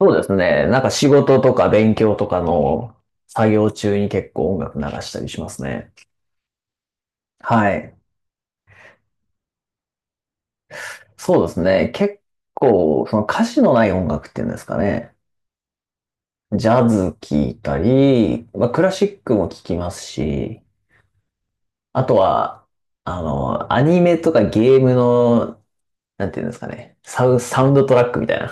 そうですね。なんか仕事とか勉強とかの作業中に結構音楽流したりしますね。はい。そうですね。結構、その歌詞のない音楽っていうんですかね。ジャズ聴いたり、まあ、クラシックも聴きますし、あとは、アニメとかゲームの、なんていうんですかね。サウンドトラックみたいな。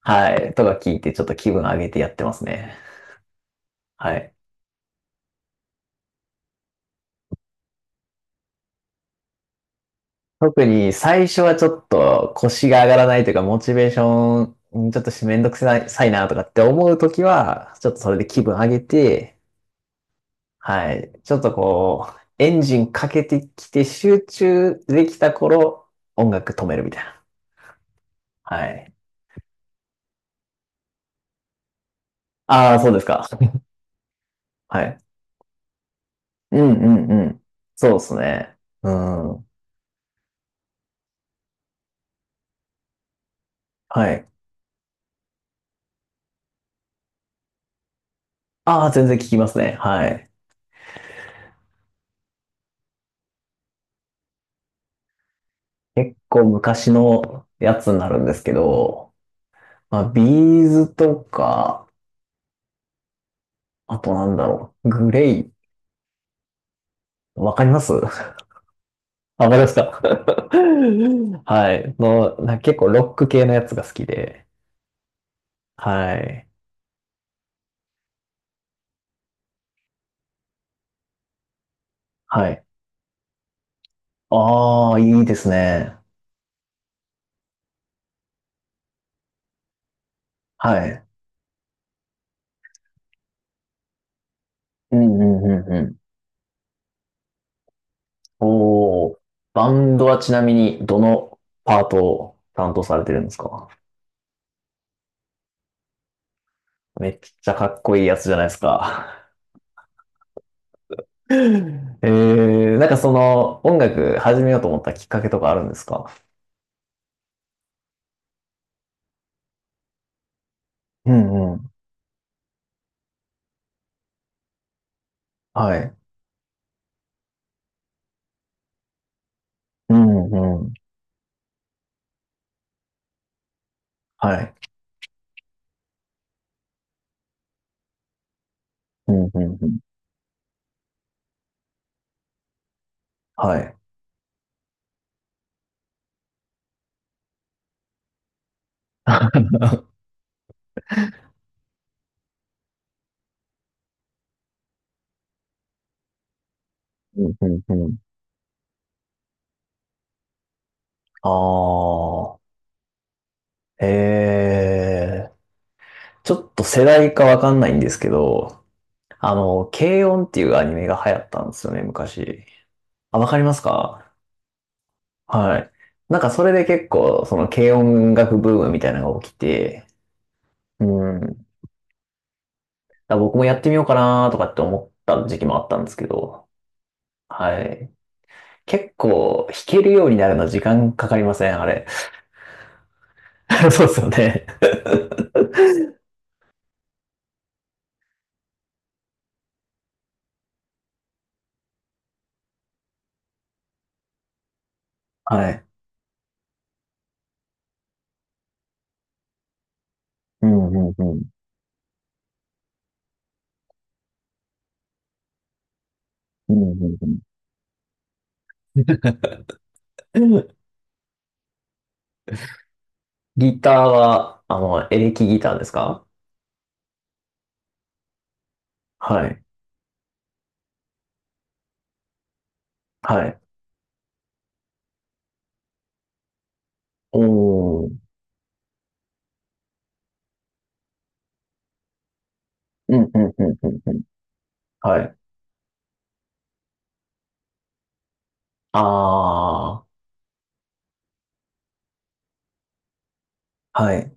はい。とか聞いてちょっと気分上げてやってますね。はい。特に最初はちょっと腰が上がらないというか、モチベーション、うんちょっとしめんどくさいさいなとかって思うときは、ちょっとそれで気分上げて、はい。ちょっとこう、エンジンかけてきて集中できた頃、音楽止めるみたいな。はい。ああ、そうですか。はい。うんうんうん。そうですね。うん。はい。ああ、全然聞きますね。はい。結構昔のやつになるんですけど、まあ、ビーズとか、あとなんだろう。グレイ。わかります わかりますか はい。結構ロック系のやつが好きで。はい。はい。ああ、いいですね。はい。うんうんうんうん。おお。バンドはちなみにどのパートを担当されてるんですか？めっちゃかっこいいやつじゃないですか。えなんかその音楽始めようと思ったきっかけとかあるんですか？うんうん。はい。うんうん。はい。うんうんうん。はい。うんうんうん。ああ、ええ、ちょっと世代かわかんないんですけど、軽音っていうアニメが流行ったんですよね、昔。あ、わかりますか？はい。なんかそれで結構、その軽音楽ブームみたいなのが起きて、うん。だから僕もやってみようかなとかって思った時期もあったんですけど、はい。結構弾けるようになるの時間かかりません、あれ。そうですよね。はい。うん、うん、うん。うん、うんうん。ギターは、エレキギターですか？はい。はい。おー。うん、うん、うん、うん、うん。はい。ああ、はい。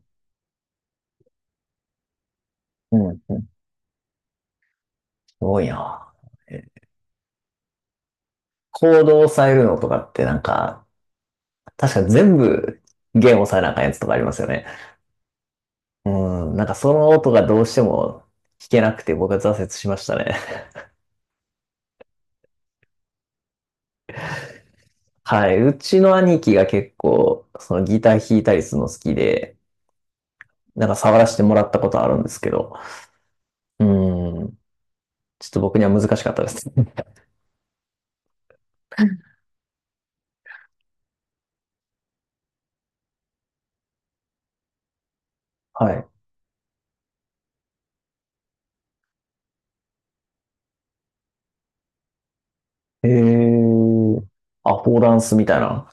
うん、うん。すごいな。え、コードを押さえるのとかってなんか、確か全部弦押さえなあかんやつとかありますよね。うん、なんかその音がどうしても弾けなくて僕は挫折しましたね。はい。うちの兄貴が結構、そのギター弾いたりするの好きで、なんか触らせてもらったことあるんですけど、うーん、ちょっと僕には難しかったです。はい。えー、あ、フォーダンスみたいな。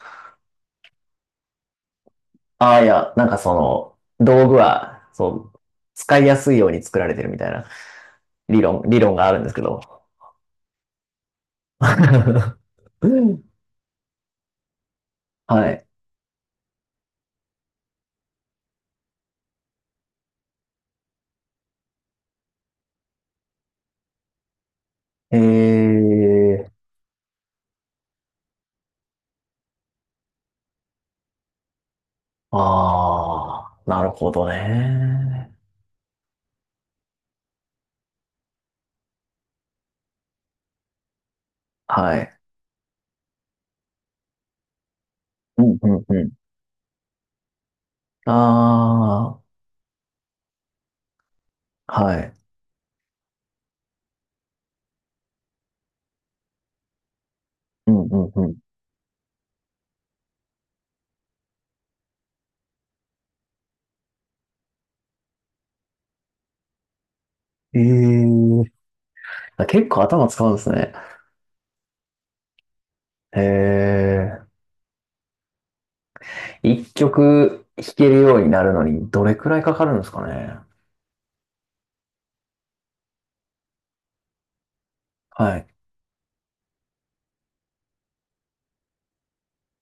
ああ、いや、なんかその、道具は、そう、使いやすいように作られてるみたいな理論があるんですけど。はい。えー、ああ、なるほどね。はい。うんうんうん。ああ、はい。うんうんうん。ええー、結構頭使うんですね。へえ。一曲弾けるようになるのにどれくらいかかるんですかね。はい。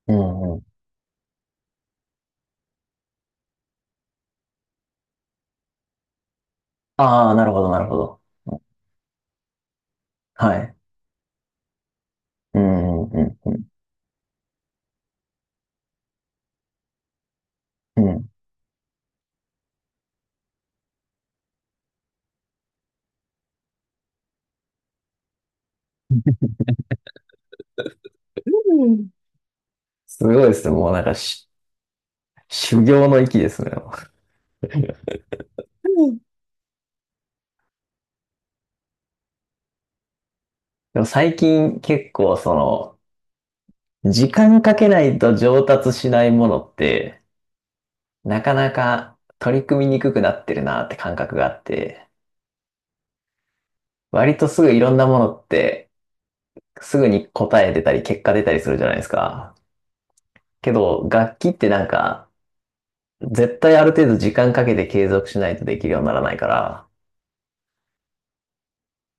うんうん。ああ、なるほど、なるほど。はい。うんうんうんうん。うん。うん。すごいですね。もうなんかし、修行の域ですね。うん。でも最近結構その、時間かけないと上達しないものって、なかなか取り組みにくくなってるなって感覚があって、割とすぐいろんなものって、すぐに答え出たり結果出たりするじゃないですか。けど、楽器ってなんか、絶対ある程度時間かけて継続しないとできるようにならないから、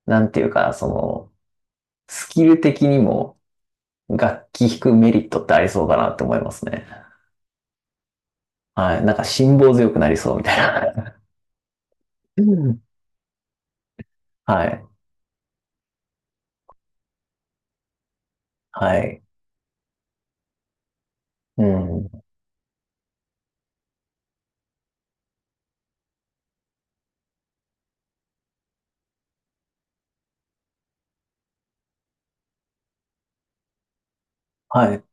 なんていうか、その、スキル的にも楽器弾くメリットってありそうだなって思いますね。はい。なんか辛抱強くなりそうみたいな。はい。はい。うん。はい。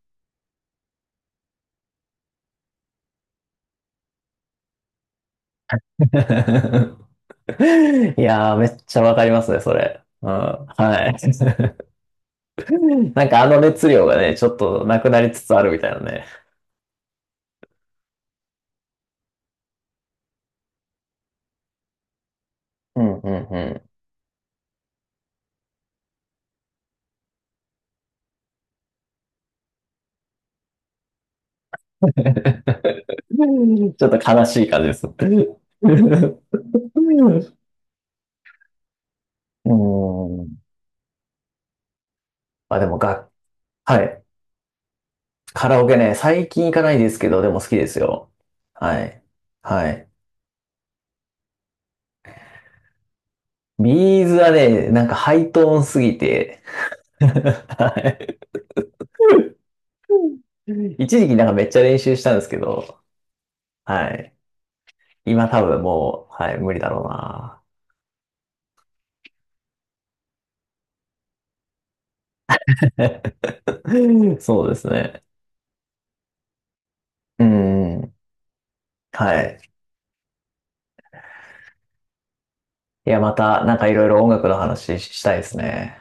いやー、めっちゃわかりますね、それ。うん。はい。なんかあの熱量がね、ちょっとなくなりつつあるみたいなね。うんうんうん。ちょっと悲しい感じです。うーん。まあでもが、はい。カラオケね、最近行かないですけど、でも好きですよ。はい。はい。ビーズはね、なんかハイトーンすぎて、はい。一時期なんかめっちゃ練習したんですけど、はい。今多分もう、はい、無理だろうな。そうですね。うん。はい。いや、また、なんかいろいろ音楽の話ししたいですね。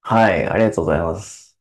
はい、ありがとうございます。